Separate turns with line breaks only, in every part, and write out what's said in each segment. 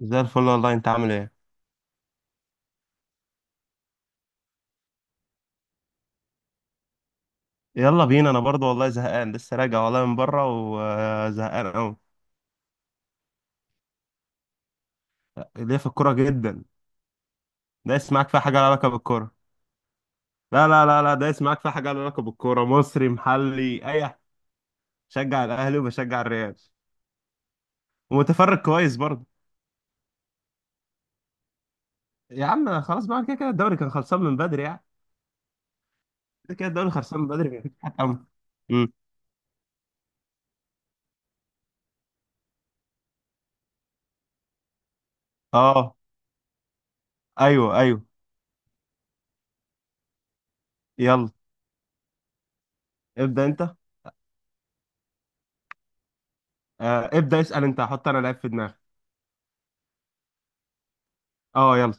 زي الفل والله، انت عامل ايه؟ يلا بينا، انا برضو والله زهقان، لسه راجع والله من بره وزهقان قوي. ليه في الكوره جدا. دايس معاك في حاجه لها علاقه بالكوره. لا لا لا لا، دايس معاك في حاجه لها علاقه بالكوره، مصري محلي اي. شجع الاهلي وبشجع الريال. ومتفرج كويس برضو. يا عم خلاص بقى، كده كده الدوري كان خلصان من بدري يعني. كده كده الدوري خلصان من بدري. مفيش حاجه أمل. امم. اه. ايوه ايوه. يلا. ابدا انت. آه ابدا، اسال انت، هحط انا لعيب في دماغي. اه يلا.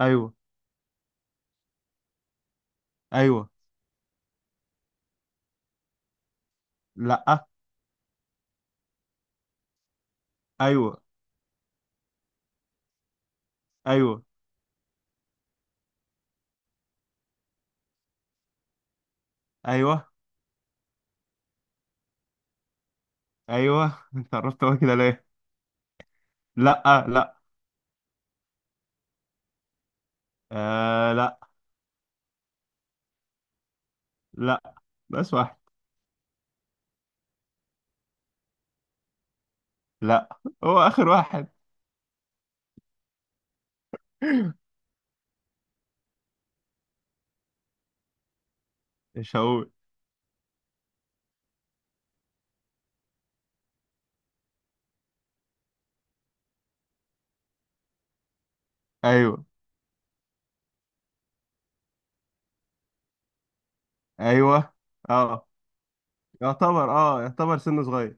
ايوه. ايوه. لا. ايوه. ايوه. ايوه. ايوه. انت عرفت هو كده ليه؟ لا لا. آه لا. لا بس واحد. لا هو اخر واحد. مش هقول. ايوه. ايوه. اه يعتبر، اه يعتبر سنه صغير.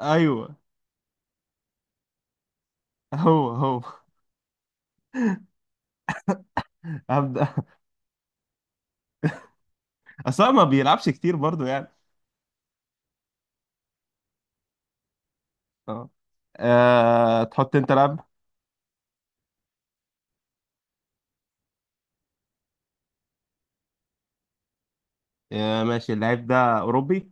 ايوه. هو هو. هبدأ. اصل هو ما بيلعبش كتير برضو يعني. اه. تحط انت لاعب. آه ماشي، اللعيب ده اوروبي.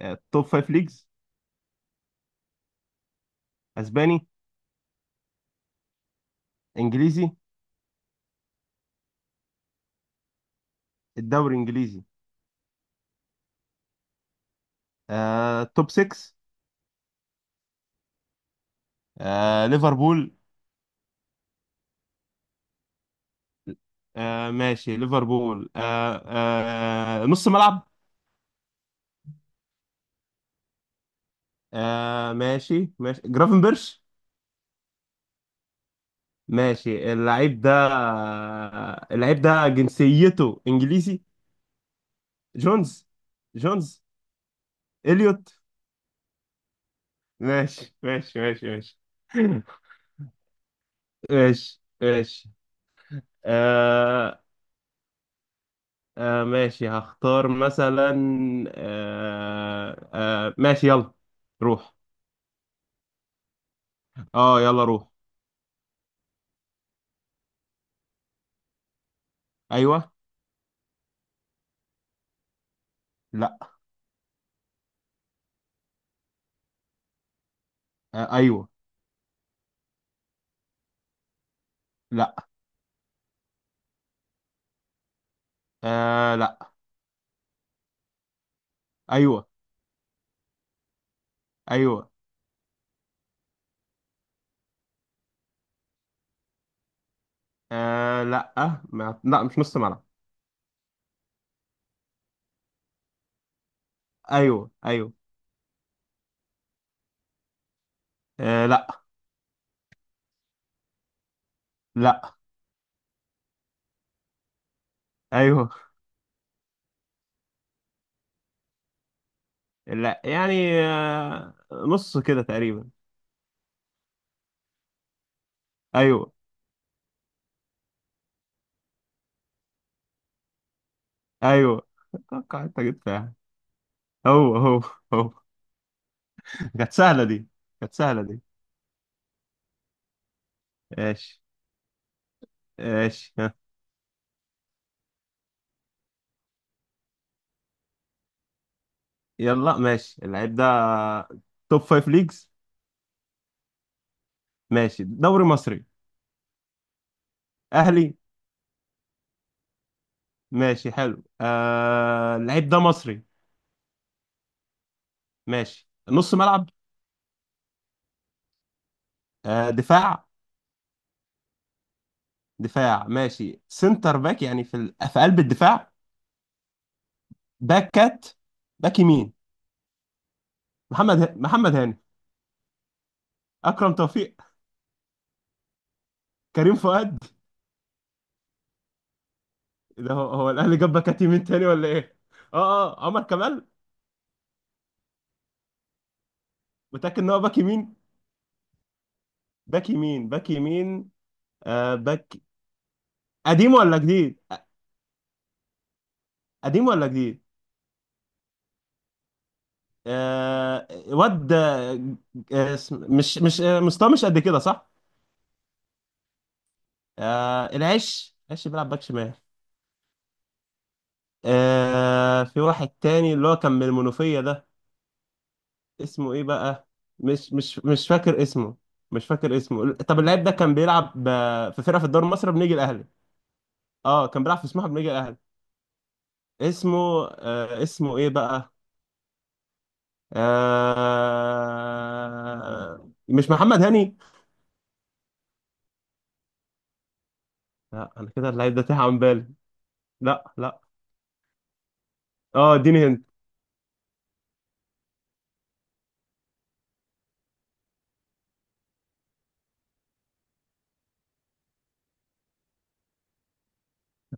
آه توب فايف ليجز. اسباني. انجليزي. الدوري الانجليزي. آه توب 6. آه ليفربول. آه ماشي ليفربول آه. آه نص ملعب. آه ماشي ماشي جرافنبرش. ماشي، اللعيب ده آه، اللعيب ده جنسيته انجليزي. جونز. جونز. اليوت. ماشي ماشي ماشي ماشي. ماشي ماشي. آه. آه ماشي هختار مثلا. آه آه ماشي يلا. روح. اه يلا روح. ايوه. لا. آه ايوه. لا. آه لا. ايوه. ايوه. آه لا. ما... لا مش نص ملعب. ايوه ايوه. آه لا. لا. ايوه. لا يعني، آه نص كده تقريبا. ايوه. ايوه، اتوقع انت جيت فيها. هو هو. هو. كانت سهله دي. كانت سهله دي. ماشي ماشي ها. يلا ماشي، اللعيب ده توب فايف ليجز. ماشي دوري مصري. اهلي. ماشي حلو، آه اللعيب ده مصري. ماشي نص ملعب. آه دفاع. دفاع ماشي سنتر باك، يعني في ال... في قلب الدفاع. باكات. باك يمين. محمد هاني. اكرم توفيق. كريم فؤاد. إيه ده، هو الاهلي جاب باكات يمين تاني ولا ايه؟ اه اه عمر كمال. متاكد ان هو باك يمين؟ باك يمين باك يمين. آه باك. قديم ولا جديد؟ قديم ولا جديد. آه واد آه. مش مش مستواه مش قد كده صح. آه العش، العش بيلعب باك شمال. آه في واحد تاني اللي هو كان من المنوفية ده. اسمه ايه بقى؟ مش فاكر اسمه. مش فاكر اسمه. طب اللاعب ده كان بيلعب في فرقه في الدوري المصري بنيجي الاهلي. اه كان بيلعب في سموحه بنيجي الاهلي. اسمه آه، اسمه ايه بقى؟ آه مش محمد هاني. لا انا كده اللعيب ده تاه عن بالي. لا لا. اه اديني هند.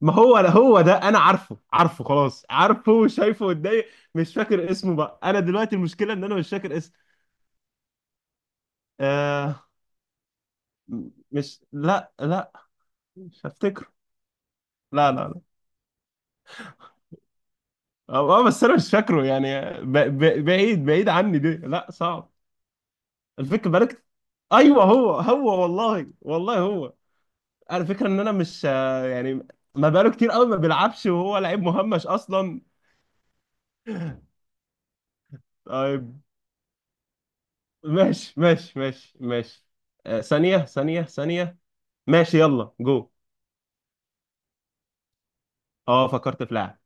ما هو هو ده، انا عارفه، عارفه خلاص، عارفه وشايفه قدامي. مش فاكر اسمه بقى، انا دلوقتي المشكله ان انا مش فاكر اسمه. آه مش. لا لا مش هفتكر. لا لا لا. اه بس انا مش فاكره يعني، بعيد بعيد عني دي، لا صعب. الفكره بالك. ايوه هو هو، والله والله هو. على فكره ان انا مش يعني ما بقاله كتير قوي ما بيلعبش، وهو لعيب مهمش اصلا. طيب. ماشي ماشي ماشي ماشي. ثانيه ثانيه ثانيه. ماشي يلا جو. اه فكرت في لاعب.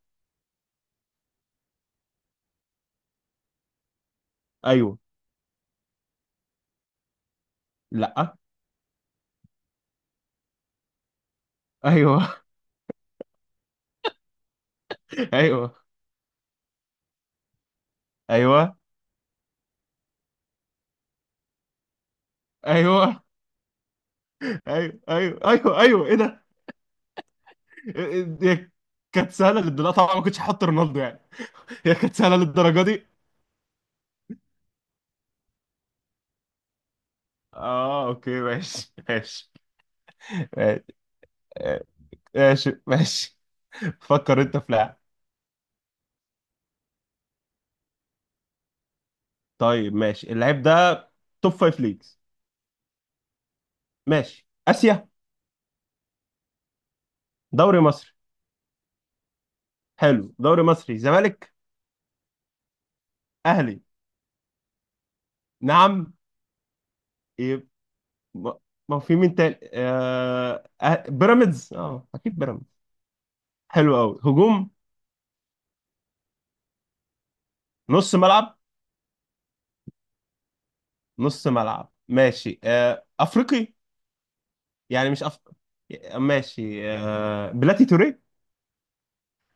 ايوه. لا. ايوه. ايوه. ايوه. ايوه. ايوه. ايوه. ايوه. ايوه ايه ده. هي كانت سهله للدرجه، طبعا ما كنتش هحط رونالدو يعني. هي كانت سهله للدرجه دي. اه اوكي ماشي ماشي. ماشي. ماشي ماشي. فكر انت في لاعب. طيب ماشي، اللعيب ده توب فايف ليجز. ماشي اسيا. دوري مصري. حلو دوري مصري زمالك. اهلي. نعم. يبقى. ما. ما في مين تاني؟ بيراميدز، اه اكيد بيراميدز. حلو قوي. هجوم. نص ملعب. نص ملعب ماشي، آه افريقي. يعني مش أف... ماشي، آه بلاتي توريه.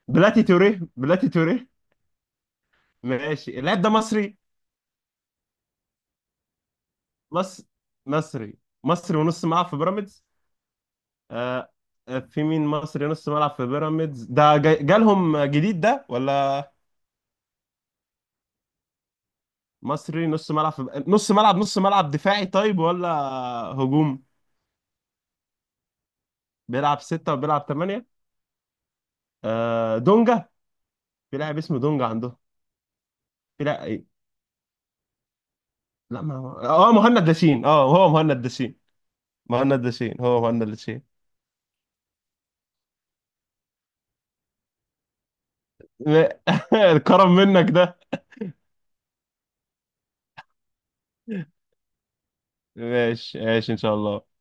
بلاتي توريه. بلاتي توريه. ماشي اللاعب ده مصري. مصر. مصري. مصري ونص ملعب في بيراميدز. آه. في مين مصري نص ملعب في بيراميدز ده، جالهم جديد ده ولا؟ مصري نص ملعب في، نص ملعب، نص ملعب دفاعي طيب ولا هجوم؟ بيلعب ستة وبيلعب ثمانية. آه دونجا. في لاعب اسمه دونجا عنده. في لاعب ايه؟ لا ما هو. اه مهند لاشين، اه هو مهند لاشين. مهند لاشين هو مهند لاشين. الكرم منك ده. ماشي ماشي ان شاء الله.